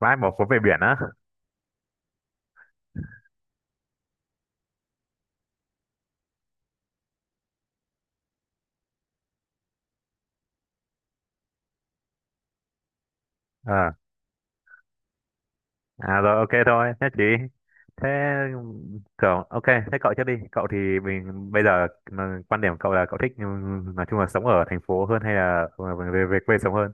Vãi, bỏ phố về biển á. Ờ à rồi Ok thôi. Thế chị, thế cậu ok, thế cậu trước đi cậu. Thì mình bây giờ mà quan điểm của cậu là cậu thích, nói chung là sống ở thành phố hơn hay là về về quê sống hơn?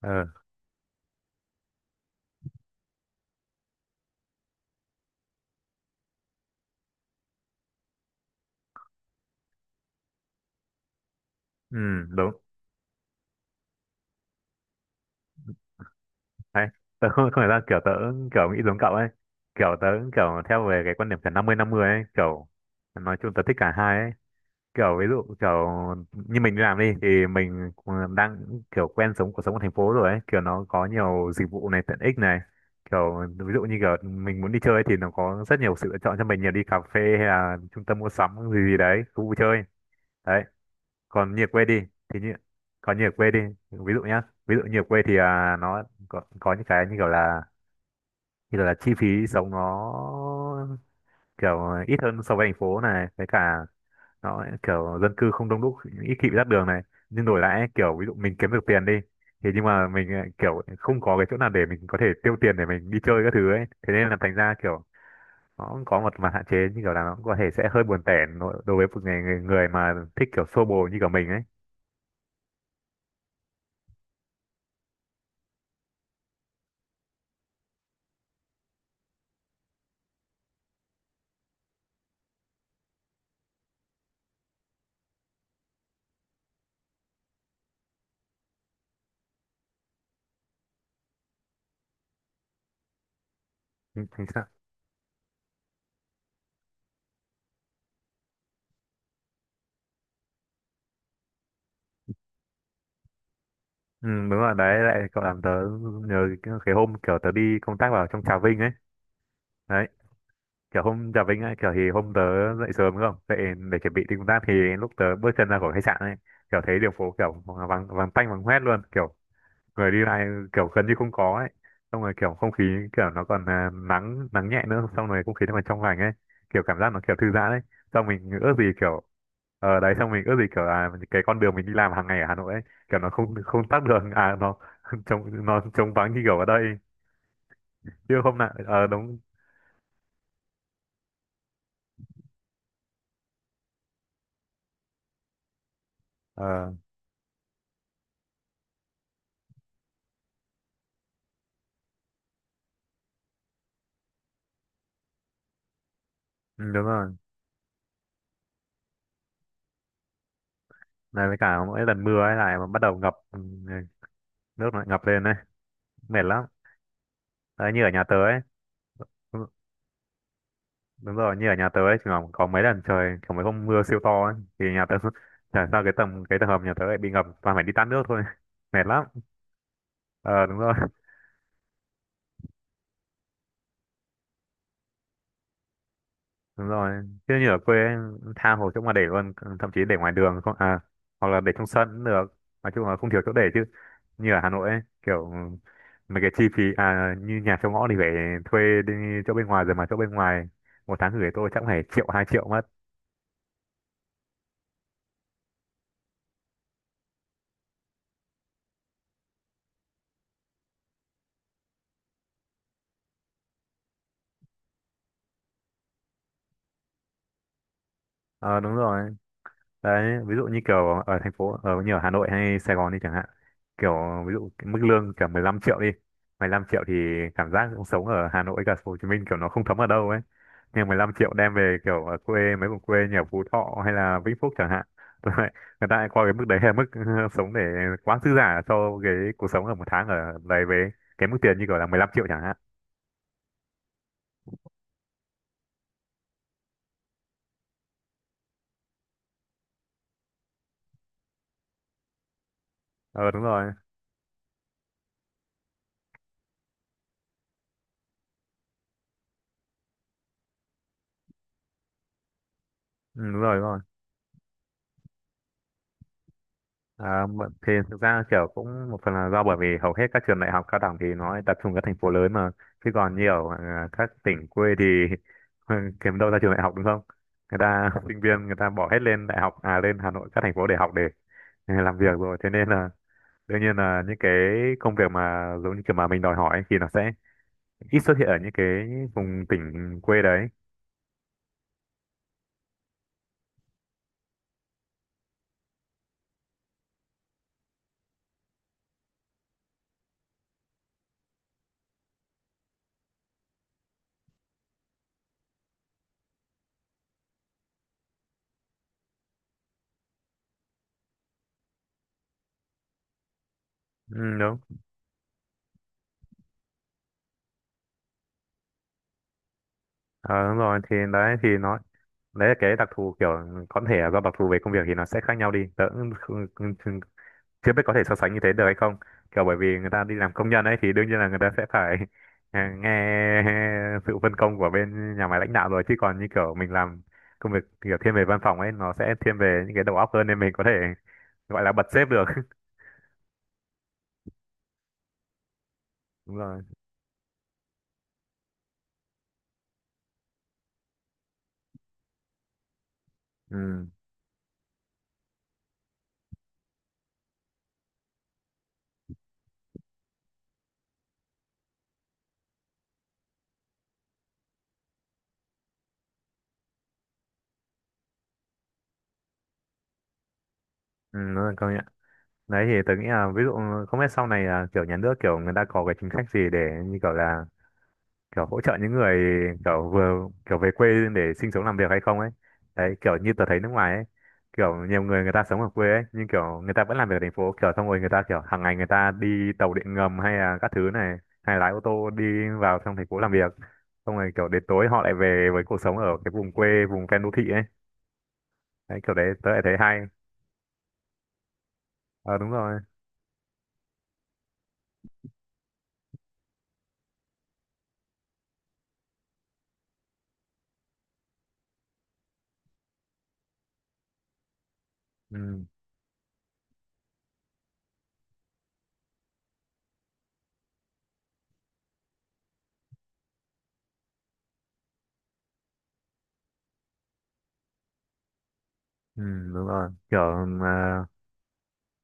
ờ ừ, đúng đấy. Tớ không phải ra kiểu tớ kiểu nghĩ giống cậu ấy. Kiểu tớ kiểu theo về cái quan điểm kiểu năm mươi ấy, kiểu nói chung tớ thích cả hai ấy. Kiểu ví dụ kiểu như mình đi làm đi thì mình cũng đang kiểu quen sống cuộc sống ở thành phố rồi ấy, kiểu nó có nhiều dịch vụ này, tiện ích này. Kiểu ví dụ như kiểu mình muốn đi chơi ấy thì nó có rất nhiều sự lựa chọn cho mình, nhiều đi cà phê hay là trung tâm mua sắm gì gì đấy, khu vui chơi. Đấy, còn như ở quê đi thì như, còn như ở quê đi ví dụ nhá, ví dụ như ở quê thì à, nó có những cái như kiểu là chi phí sống nó kiểu ít hơn so với thành phố này, với cả đó kiểu dân cư không đông đúc, ít khi bị tắc đường này. Nhưng đổi lại ấy, kiểu ví dụ mình kiếm được tiền đi thì nhưng mà mình kiểu không có cái chỗ nào để mình có thể tiêu tiền để mình đi chơi các thứ ấy, thế nên là thành ra kiểu nó cũng có một mặt hạn chế, như kiểu là nó cũng có thể sẽ hơi buồn tẻ đối với một người người mà thích kiểu xô bồ như kiểu mình ấy. Ừ, chính xác. Ừ, đúng rồi đấy, lại cậu làm tớ nhớ cái hôm kiểu tớ đi công tác vào trong Trà Vinh ấy. Đấy, kiểu hôm chào Vinh ấy, kiểu thì hôm tớ dậy sớm đúng không, dậy để chuẩn bị đi công tác, thì lúc tớ bước chân ra khỏi khách sạn ấy, kiểu thấy đường phố kiểu vắng, vắng tanh vắng hoét luôn, kiểu người đi lại kiểu gần như không có ấy. Xong rồi kiểu không khí kiểu nó còn à, nắng, nắng nhẹ nữa, xong rồi không khí nó còn trong lành ấy, kiểu cảm giác nó kiểu thư giãn ấy. Xong mình ước gì kiểu ở đấy, xong mình ước gì kiểu là cái con đường mình đi làm hàng ngày ở Hà Nội ấy kiểu nó không không tắc đường, à nó trống, nó trống vắng như kiểu ở đây, chứ hôm nào đúng. ờ ừ, đúng rồi. Này với cả mỗi lần mưa ấy lại mà bắt đầu ngập, nước nó lại ngập lên đấy, mệt lắm. Đấy, như ở nhà tớ ấy. Đúng, đúng rồi, như ở nhà tớ ấy, có mấy lần trời, có mấy hôm mưa siêu to ấy thì nhà tớ chả sao, cái tầng, cái tầng hầm nhà tớ lại bị ngập, toàn phải đi tát nước thôi. Mệt lắm. ờ đúng rồi Đúng rồi, chứ như ở quê ấy, tha hồ chỗ mà để luôn, thậm chí để ngoài đường không à, hoặc là để trong sân cũng được, nói chung là không thiếu chỗ để. Chứ như ở Hà Nội ấy, kiểu mấy cái chi phí à, như nhà trong ngõ thì phải thuê đi chỗ bên ngoài, rồi mà chỗ bên ngoài một tháng gửi tôi chắc phải triệu, hai triệu mất. Ờ Đúng rồi, đấy ví dụ như kiểu ở thành phố, ở như ở Hà Nội hay Sài Gòn đi chẳng hạn, kiểu ví dụ cái mức lương cả 15 triệu đi, 15 triệu thì cảm giác cũng sống ở Hà Nội cả Hồ Chí Minh kiểu nó không thấm ở đâu ấy. Nhưng 15 triệu đem về kiểu ở quê, mấy vùng quê như ở Phú Thọ hay là Vĩnh Phúc chẳng hạn, tôi lại người ta lại coi cái mức đấy là mức sống để quá dư giả cho cái cuộc sống ở một tháng ở đấy, với cái mức tiền như kiểu là 15 triệu chẳng hạn. Ờ đúng rồi. Đúng rồi. À, thì thực ra kiểu cũng một phần là do bởi vì hầu hết các trường đại học cao đẳng thì nó tập trung ở các thành phố lớn mà, chứ còn nhiều à, các tỉnh quê thì kiếm đâu ra trường đại học đúng không. Người ta sinh viên người ta bỏ hết lên đại học, à lên Hà Nội, các thành phố để học, để để làm việc rồi, thế nên là đương nhiên là những cái công việc mà giống như kiểu mà mình đòi hỏi ấy, thì nó sẽ ít xuất hiện ở những cái vùng tỉnh quê đấy. Ừ, đúng. Ờ, đúng rồi, thì đấy thì nó, đấy là cái đặc thù, kiểu có thể do đặc thù về công việc thì nó sẽ khác nhau đi, tớ cũng chưa biết có thể so sánh như thế được hay không, kiểu bởi vì người ta đi làm công nhân ấy thì đương nhiên là người ta sẽ phải nghe sự phân công của bên nhà máy, lãnh đạo rồi, chứ còn như kiểu mình làm công việc kiểu thiên về văn phòng ấy nó sẽ thiên về những cái đầu óc hơn, nên mình có thể gọi là bật sếp được. Đúng rồi. ừ ừ Đúng rồi, công nhận. Đấy thì tớ nghĩ là ví dụ không biết sau này là kiểu nhà nước, kiểu người ta có cái chính sách gì để như kiểu là kiểu hỗ trợ những người kiểu vừa kiểu về quê để sinh sống, làm việc hay không ấy. Đấy, kiểu như tớ thấy nước ngoài ấy, kiểu nhiều người, người ta sống ở quê ấy, nhưng kiểu người ta vẫn làm việc ở thành phố, kiểu xong rồi người ta kiểu hàng ngày người ta đi tàu điện ngầm hay là các thứ này, hay lái ô tô đi vào trong thành phố làm việc, xong rồi kiểu đến tối họ lại về với cuộc sống ở cái vùng quê, vùng ven đô thị ấy. Đấy kiểu đấy tớ lại thấy hay. Ờ đúng rồi. ừ, ừ Đúng rồi, kiểu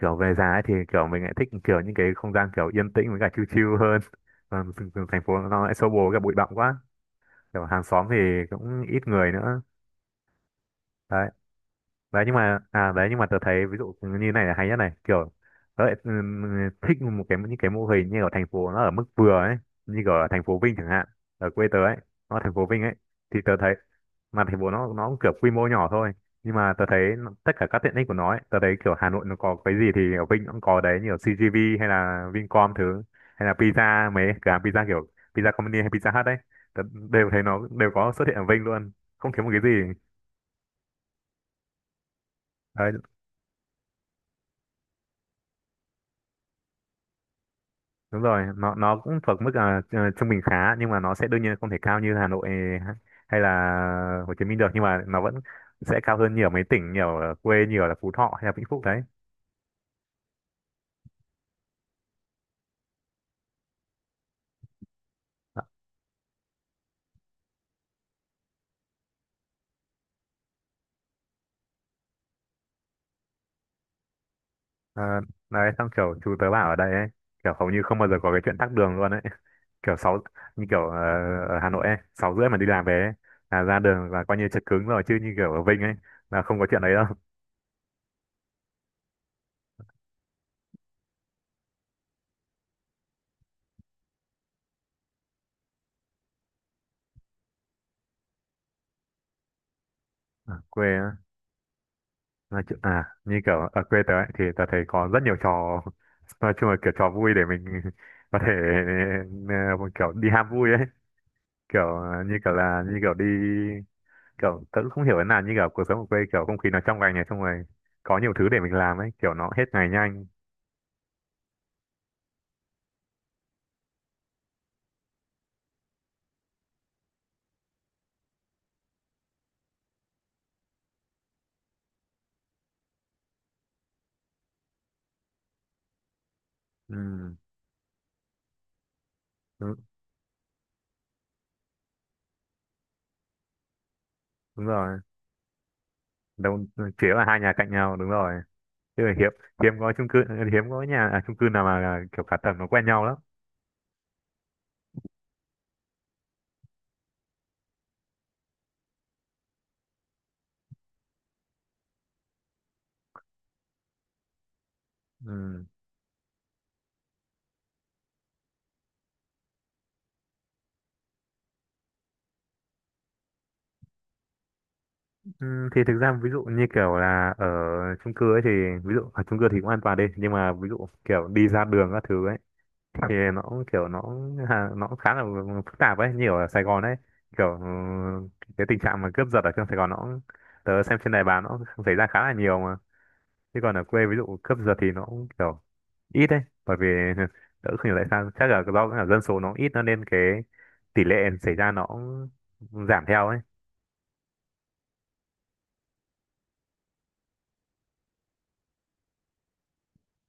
kiểu về giá ấy thì kiểu mình lại thích kiểu những cái không gian kiểu yên tĩnh với cả chill chill hơn, còn thành thành phố nó lại xô bồ với cả bụi bặm quá, kiểu hàng xóm thì cũng ít người nữa. Đấy, đấy nhưng mà à, đấy nhưng mà tớ thấy ví dụ như này là hay nhất này, kiểu tớ lại thích một cái những cái mô hình như ở thành phố nó ở mức vừa ấy, như kiểu ở thành phố Vinh chẳng hạn, ở quê tớ ấy, nó ở thành phố Vinh ấy, thì tớ thấy mà thành phố nó cũng kiểu quy mô nhỏ thôi, nhưng mà tớ thấy tất cả các tiện ích của nó ấy, tớ thấy kiểu Hà Nội nó có cái gì thì ở Vinh nó cũng có đấy, như ở CGV hay là Vincom thứ, hay là pizza, mấy cửa hàng pizza kiểu pizza company hay pizza hut đấy, tớ đều thấy nó đều có xuất hiện ở Vinh luôn, không thiếu một cái gì. Đấy, đúng rồi, nó cũng thuộc mức à, ờ, trung bình khá, nhưng mà nó sẽ đương nhiên không thể cao như Hà Nội, ha- hay là Hồ Chí Minh được, nhưng mà nó vẫn sẽ cao hơn nhiều mấy tỉnh, nhiều ở quê, nhiều là Phú Thọ hay là Vĩnh Phúc đấy. Ờ, đấy xong kiểu chú tớ bảo ở đây ấy, kiểu hầu như không bao giờ có cái chuyện tắc đường luôn ấy, kiểu sáu, như kiểu ở Hà Nội ấy sáu rưỡi mà đi làm về ấy, là ra đường là coi như chật cứng rồi, chứ như kiểu ở Vinh ấy là không có chuyện đấy đâu. Ở quê, nói chung à như kiểu ở quê tớ ấy, thì tớ thấy có rất nhiều trò, nói chung là kiểu trò vui để mình có thể ờ, kiểu đi ham vui ấy, kiểu ờ, như kiểu là như kiểu đi kiểu tớ cũng không hiểu thế nào, như kiểu cuộc sống ở quê kiểu không khí nó trong lành này, xong rồi có nhiều thứ để mình làm ấy, kiểu nó hết ngày nhanh. Ừ, đúng, đúng rồi. Đâu, chỉ là hai nhà cạnh nhau, đúng rồi, chứ hiếm, hiếm có chung cư, hiếm có nhà à, chung cư nào mà kiểu cả tầng nó quen nhau lắm. Ừ. Ừ, thì thực ra ví dụ như kiểu là ở chung cư ấy thì ví dụ ở chung cư thì cũng an toàn đi, nhưng mà ví dụ kiểu đi ra đường các thứ ấy thì nó cũng kiểu nó nó cũng khá là phức tạp ấy, như kiểu ở Sài Gòn ấy, kiểu cái tình trạng mà cướp giật ở trong Sài Gòn nó cũng, tớ xem trên đài báo nó cũng xảy ra khá là nhiều mà. Chứ còn ở quê ví dụ cướp giật thì nó cũng kiểu ít đấy, bởi vì tớ không hiểu tại sao, chắc là do là dân số nó ít, nó nên cái tỷ lệ xảy ra nó cũng giảm theo ấy.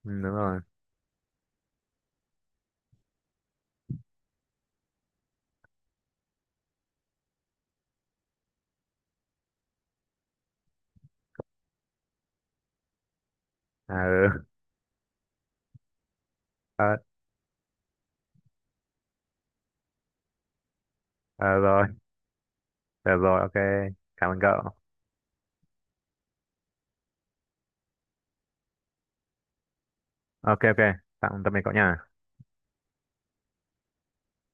Ừ, đúng rồi. À, ừ. Ờ. Ờ rồi, được rồi, ok. Cảm ơn cậu. Ok, ok. Tạm Tạm biệt cậu nha.